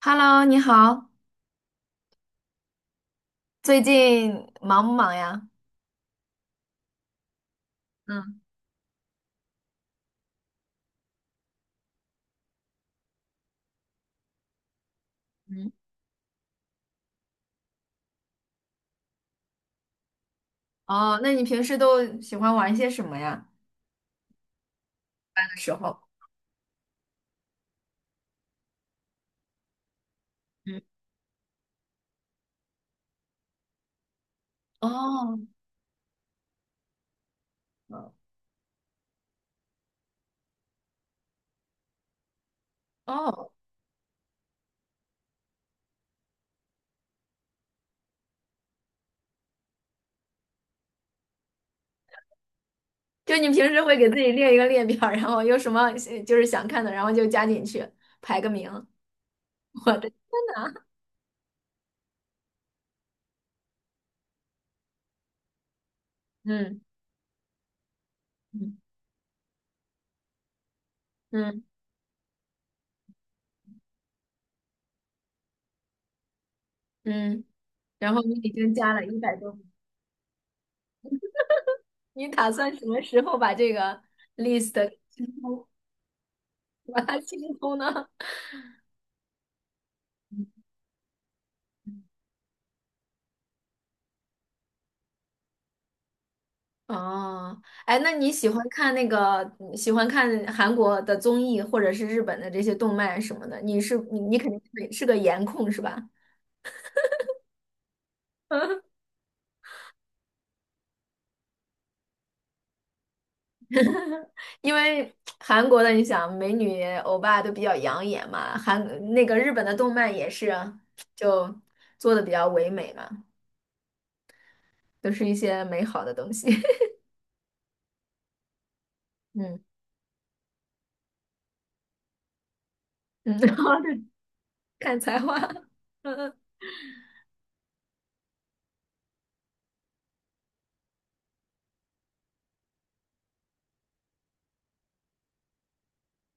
Hello，你好，最近忙不忙呀？嗯嗯。哦，那你平时都喜欢玩些什么呀？那个时候，嗯。哦。哦。就你平时会给自己列一个列表，然后有什么就是想看的，然后就加进去，排个名。我的。嗯嗯。嗯嗯。然后你已经加了100多名。你打算什么时候把这个 list 清空？把它清空呢？哦。哎，那你喜欢看那个喜欢看韩国的综艺，或者是日本的这些动漫什么的？你肯定是个颜控是吧？因为韩国的你想美女欧巴都比较养眼嘛，韩那个日本的动漫也是啊，就做的比较唯美嘛，都是一些美好的东西。嗯嗯。然后就看才华。嗯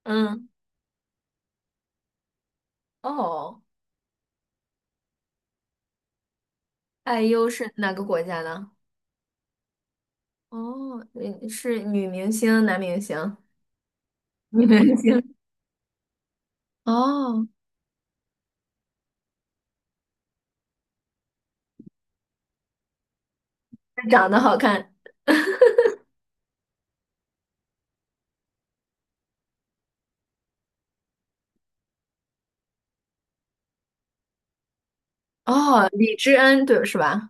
嗯。哦。IU 是哪个国家的？哦，嗯是女明星、男明星？女明星。哦，长得好看。哦，李知恩，对，是吧？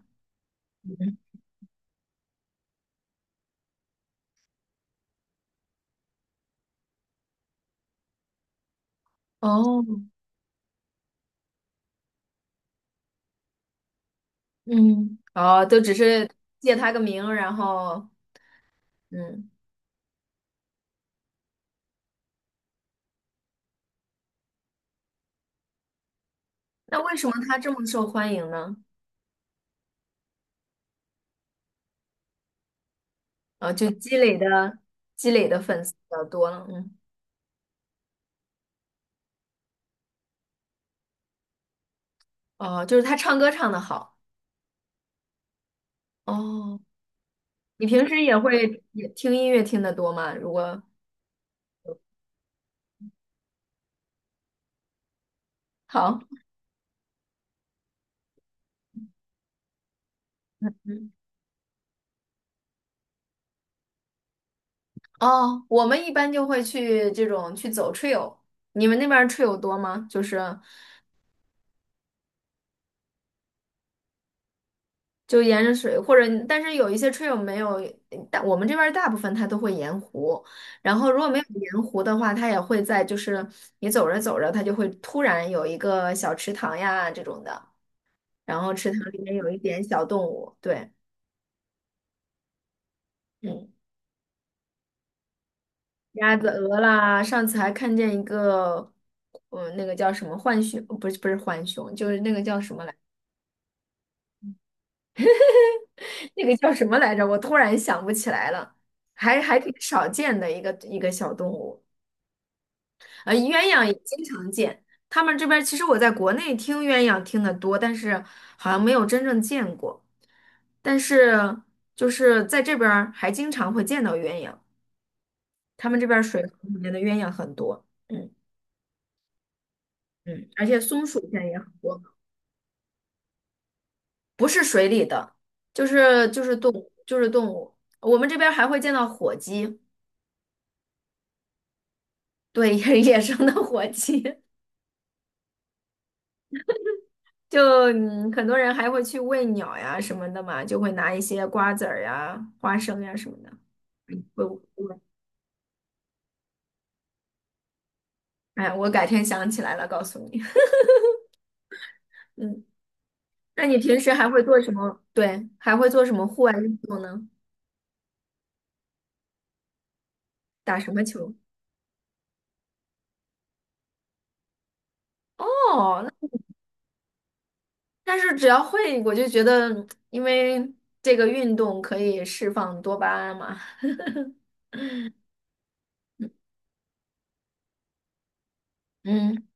哦，嗯，哦，都只是借他个名，然后，嗯。那为什么他这么受欢迎呢？哦，就积累的粉丝比较多了。嗯，哦，就是他唱歌唱的好。哦，你平时也听音乐听的多吗？如果好。哦，我们一般就会去这种去走 trail，你们那边儿 trail 多吗？就是就沿着水，或者但是有一些 trail 没有，但我们这边儿大部分它都会沿湖，然后如果没有沿湖的话，它也会在就是你走着走着，它就会突然有一个小池塘呀这种的，然后池塘里面有一点小动物。对。嗯，鸭子、鹅啦，上次还看见一个。嗯，那个叫什么浣熊，不是浣熊，就是那个叫什么来着，那个叫什么来着？我突然想不起来了。还挺少见的一个小动物。鸳鸯也经常见。他们这边其实我在国内听鸳鸯听得多，但是好像没有真正见过。但是就是在这边儿还经常会见到鸳鸯，他们这边儿水河里面的鸳鸯很多。嗯。嗯，而且松鼠现在也很多。不是水里的，就是动物，就是动物。我们这边儿还会见到火鸡。对，野生的火鸡。就很多人还会去喂鸟呀什么的嘛，就会拿一些瓜子儿呀、花生呀什么的。嗯我我哎，我改天想起来了告诉你。嗯，那你平时还会做什么？对，还会做什么户外运动呢？打什么球？哦，那但是只要会，我就觉得，因为这个运动可以释放多巴胺嘛。嗯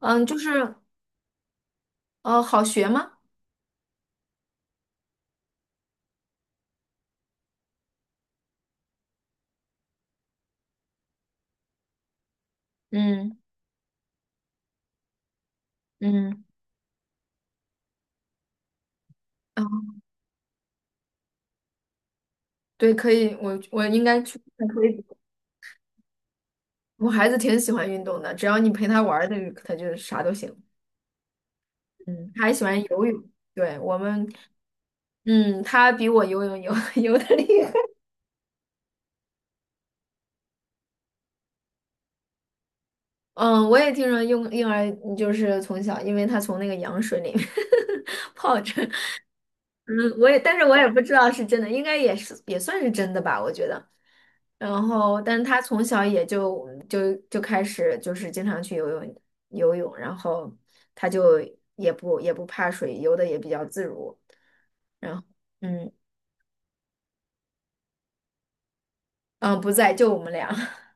嗯，就是好学吗？嗯嗯。对，可以，我应该去看推。我孩子挺喜欢运动的，只要你陪他玩儿的，他就啥都行。嗯，他还喜欢游泳。对，我们。嗯，他比我游泳游 游的厉害。嗯，我也听说婴儿就是从小，因为他从那个羊水里面 泡着。嗯，我也，但是我也不知道是真的，应该也是也算是真的吧，我觉得。然后，但是他从小也就开始就是经常去游泳，然后他就也不怕水，游的也比较自如。然后，嗯嗯，不在，就我们俩。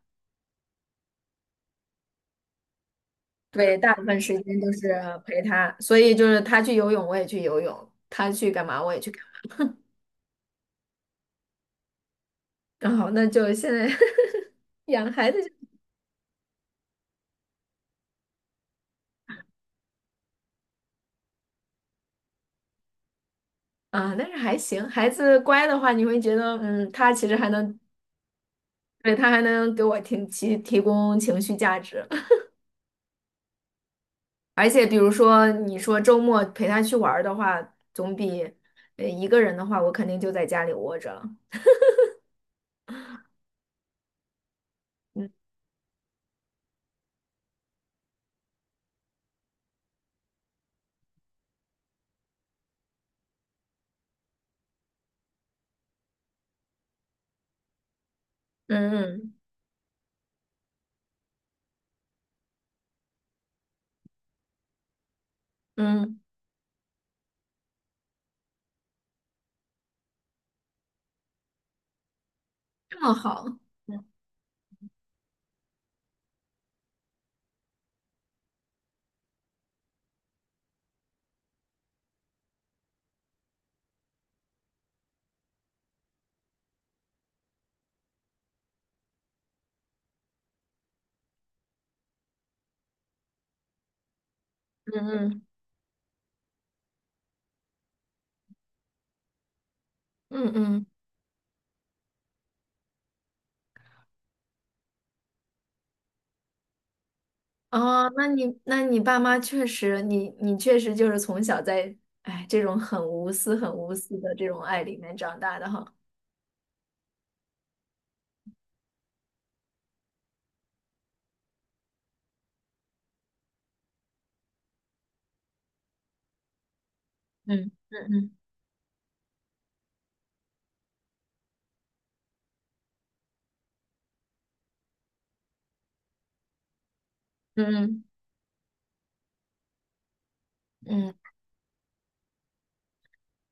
对，大部分时间都是陪他，所以就是他去游泳，我也去游泳；他去干嘛，我也去干嘛。然后，那就现在 养孩子。啊，但是还行，孩子乖的话，你会觉得，嗯，他其实还能，对，他还能给我提供情绪价值。而且比如说你说周末陪他去玩儿的话，总比一个人的话，我肯定就在家里窝着了。嗯嗯嗯。嗯，这么好。嗯嗯嗯嗯。哦，那你爸妈确实，你确实就是从小在，哎，这种很无私、很无私的这种爱里面长大的哈。嗯嗯嗯嗯嗯。嗯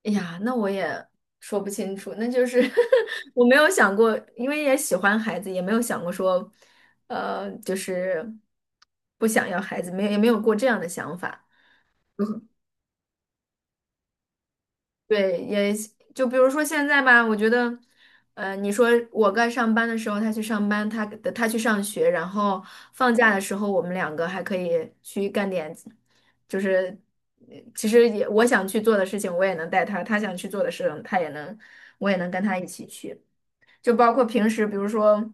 哎呀，那我也说不清楚，那就是 我没有想过，因为也喜欢孩子，也没有想过说，就是不想要孩子，没有也没有过这样的想法。对，也就比如说现在吧，我觉得，你说我该上班的时候他去上班，他去上学，然后放假的时候我们两个还可以去干点，就是其实也我想去做的事情我也能带他，他想去做的事情他也能，我也能跟他一起去，就包括平时比如说。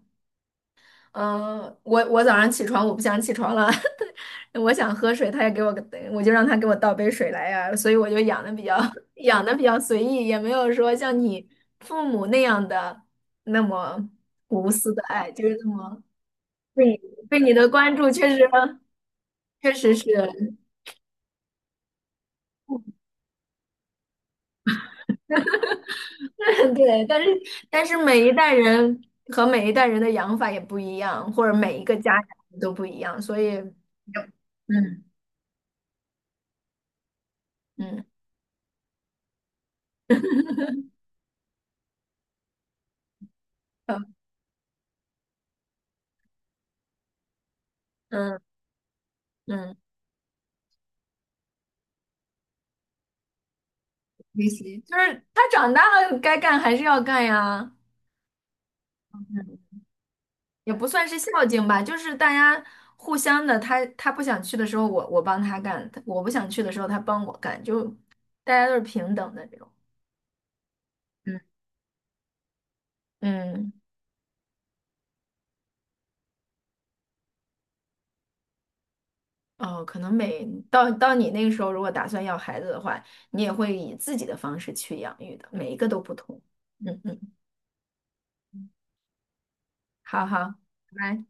嗯，我早上起床，我不想起床了，我想喝水，他也给我，我就让他给我倒杯水来呀、所以我就养的比较 养的比较随意，也没有说像你父母那样的那么无私的爱，就是这么 对你对你的关注，确实是 对，但是每一代人和每一代人的养法也不一样，或者每一个家长都不一样，所以嗯嗯嗯。呃嗯嗯学习，就是他长大了该干还是要干呀。嗯，也不算是孝敬吧，就是大家互相的，他不想去的时候我帮他干，我不想去的时候他帮我干，就大家都是平等的这种。嗯。嗯。哦，可能每到你那个时候，如果打算要孩子的话，你也会以自己的方式去养育的，每一个都不同。嗯嗯。好好。拜拜。